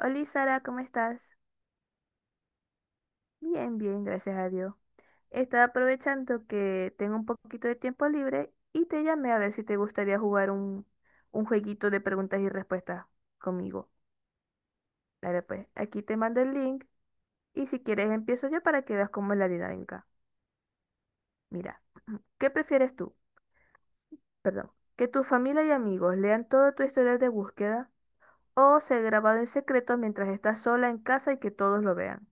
Hola Sara, ¿cómo estás? Bien, bien, gracias a Dios. Estaba aprovechando que tengo un poquito de tiempo libre y te llamé a ver si te gustaría jugar un jueguito de preguntas y respuestas conmigo. Dale pues, aquí te mando el link y si quieres empiezo yo para que veas cómo es la dinámica. Mira, ¿qué prefieres tú? Perdón, ¿que tu familia y amigos lean todo tu historial de búsqueda o ser grabado en secreto mientras estás sola en casa y que todos lo vean?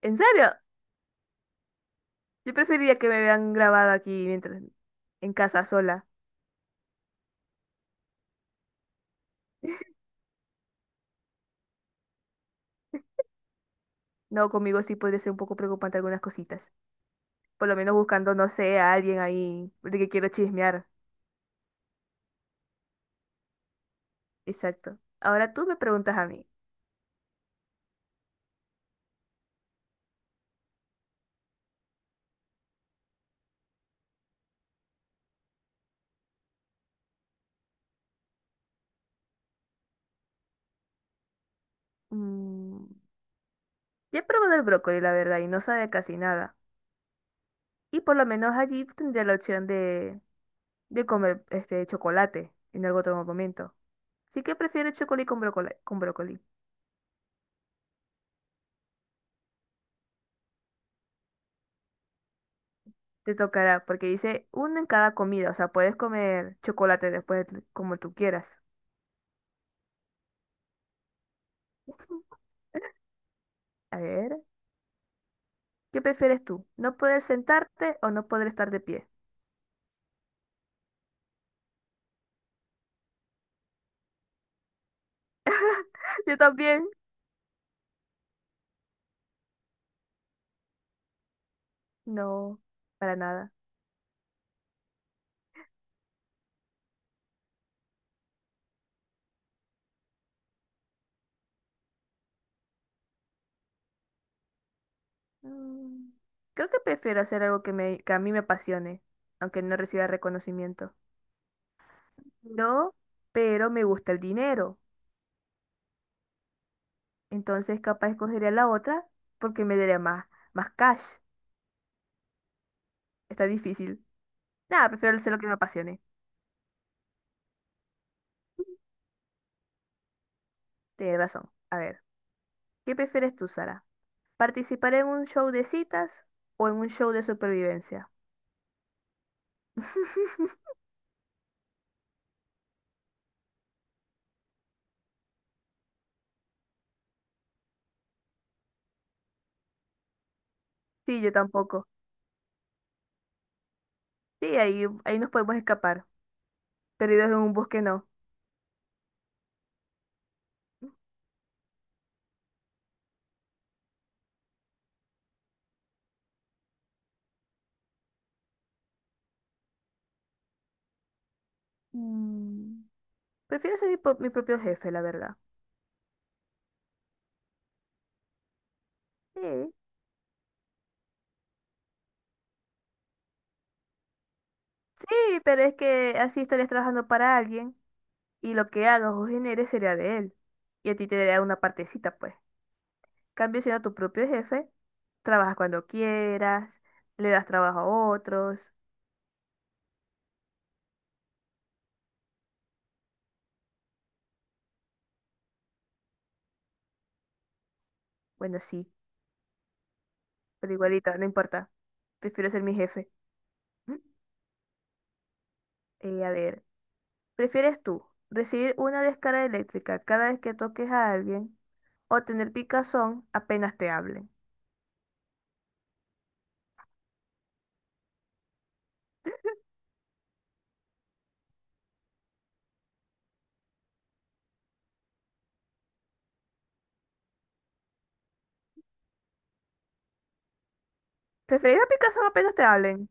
¿En serio? Yo preferiría que me vean grabada aquí mientras en casa sola. No, conmigo sí podría ser un poco preocupante algunas cositas. Por lo menos buscando, no sé, a alguien ahí de que quiero chismear. Exacto. Ahora tú me preguntas a mí. Mm, ya he probado el brócoli, la verdad, y no sabe casi nada. Y por lo menos allí tendría la opción de comer este chocolate en algún otro momento. Así que prefiero chocolate con brócoli, con brócoli. Te tocará, porque dice uno en cada comida, o sea, puedes comer chocolate como tú quieras. A ver, ¿qué prefieres tú? ¿No poder sentarte o no poder estar de pie? Yo también. No, para nada. Mm, Creo que prefiero hacer algo que a mí me apasione, aunque no reciba reconocimiento. No, pero me gusta el dinero. Entonces capaz escogería la otra porque me daría más cash. Está difícil. Nada, prefiero hacer lo que me apasione. Tienes razón. A ver. ¿Qué prefieres tú, Sara? ¿Participar en un show de citas o en un show de supervivencia? Sí, yo tampoco. Sí, ahí, ahí nos podemos escapar. Perdidos en un bosque, no. Mm, Prefiero ser mi propio jefe, la verdad. Sí. Sí, pero es que así estarías trabajando para alguien y lo que hagas o generes sería de él. Y a ti te daría una partecita, pues. Cambio siendo tu propio jefe, trabajas cuando quieras, le das trabajo a otros. Bueno, sí, pero igualita, no importa. Prefiero ser mi jefe. A ver, ¿prefieres tú recibir una descarga eléctrica cada vez que toques a alguien o tener picazón apenas te hablen? ¿Preferir a picazón apenas te hablen?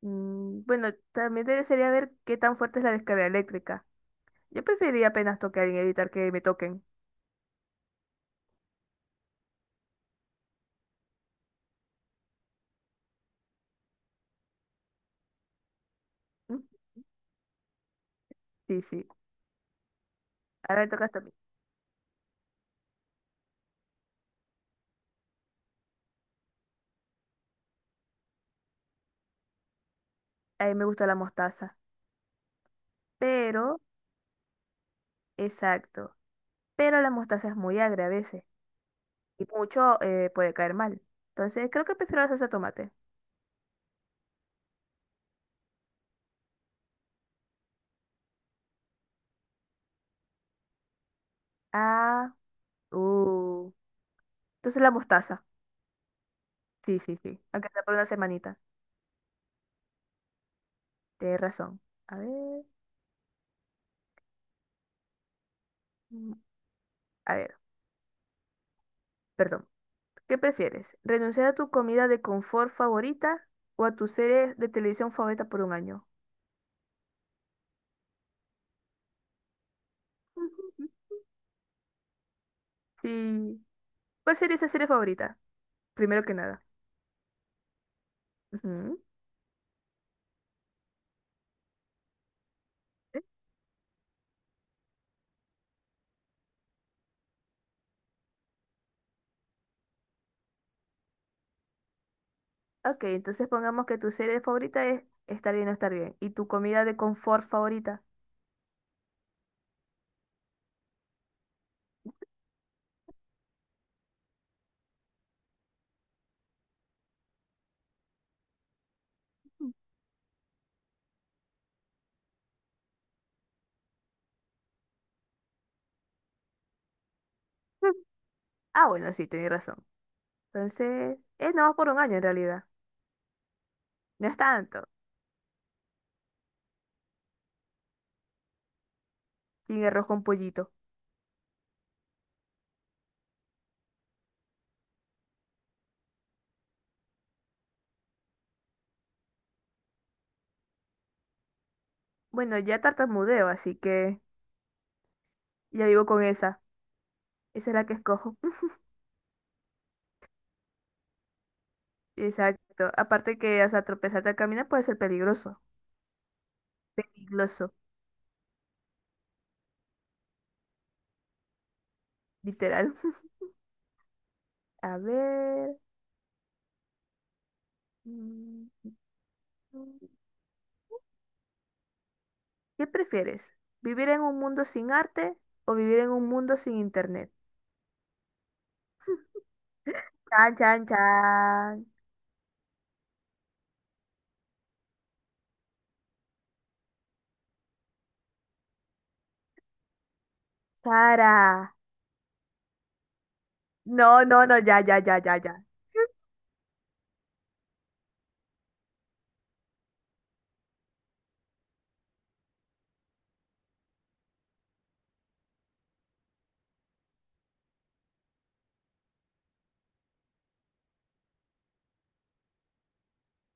Mm, bueno, sería ver qué tan fuerte es la descarga eléctrica. Yo preferiría apenas tocar a alguien, evitar que me toquen. Mm, sí, sí. Ahora me toca esto a mí. A mí me gusta la mostaza. Pero, exacto. Pero la mostaza es muy agria a veces. Y mucho puede caer mal. Entonces, creo que prefiero la salsa de tomate. Ah, uh. Entonces la mostaza. Sí, sí, sí. Aunque sea por una semanita. Tienes razón. A ver, mm, a ver, perdón. ¿Qué prefieres? ¿Renunciar a tu comida de confort favorita o a tu serie de televisión favorita por un año? Sí. ¿Cuál sería esa serie favorita? Primero que nada. Ujú. ¿Eh? Ok, entonces pongamos que tu serie favorita es Estar bien o estar bien. ¿Y tu comida de confort favorita? Ah, bueno, sí, tenés razón. Entonces, es nada más por un año en realidad. No es tanto. Sin arroz con pollito. Bueno, ya tartamudeo, así que ya vivo con esa. Esa es la que escojo. Exacto. Aparte que, o sea, tropezarte al caminar puede ser peligroso. Peligroso, literal. A ver. Mm, mm. ¿Qué prefieres? ¿Vivir en un mundo sin arte o vivir en un mundo sin internet? Chan, chan, chan. Sara. No, no, no, ya, ya, ya, ya, ya.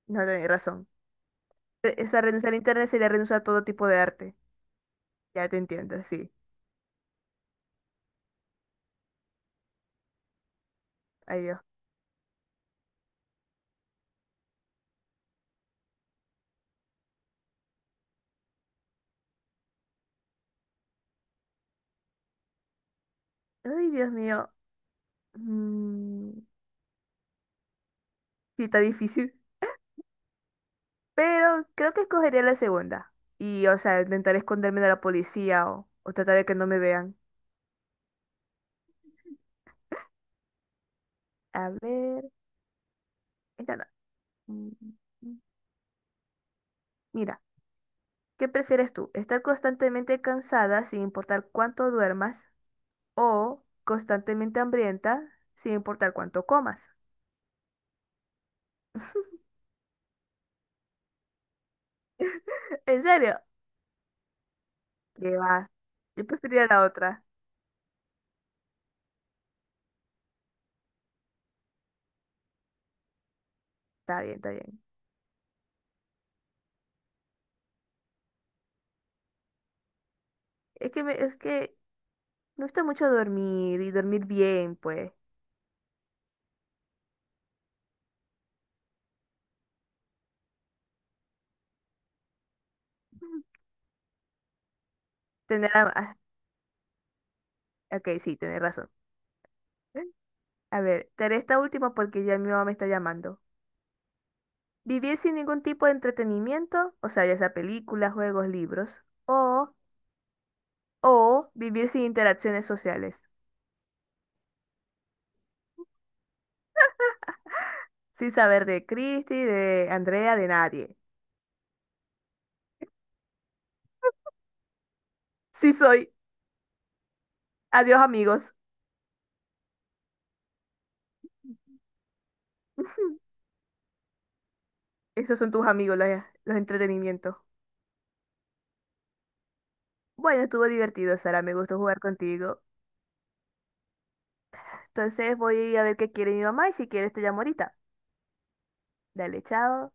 No, tenés razón. O sea, renunciar a internet sería renunciar a todo tipo de arte. Ya te entiendo, sí. Ay, Dios. Ay, Dios mío. Mm, sí, está difícil. Pero creo que escogería la segunda. Y, o sea, intentar esconderme de la policía o tratar de que no me vean. A ver. Esta no. Mm, mm. Mira, ¿qué prefieres tú? ¿Estar constantemente cansada sin importar cuánto duermas? ¿O constantemente hambrienta sin importar cuánto comas? ¿En serio? ¿Qué va? Yo preferiría la otra. Está bien, está bien. Es que me gusta mucho dormir y dormir bien, pues. Tener a, ah, ok, sí, tenés razón. A ver, te haré esta última porque ya mi mamá me está llamando. Vivir sin ningún tipo de entretenimiento, o sea, ya sea películas, juegos, libros, o vivir sin interacciones sociales, sin saber de Cristi, de Andrea, de nadie. Sí soy. Adiós, amigos. Esos son tus amigos, los entretenimientos. Bueno, estuvo divertido, Sara. Me gustó jugar contigo. Entonces voy a ver qué quiere mi mamá y si quieres te llamo ahorita. Dale, chao.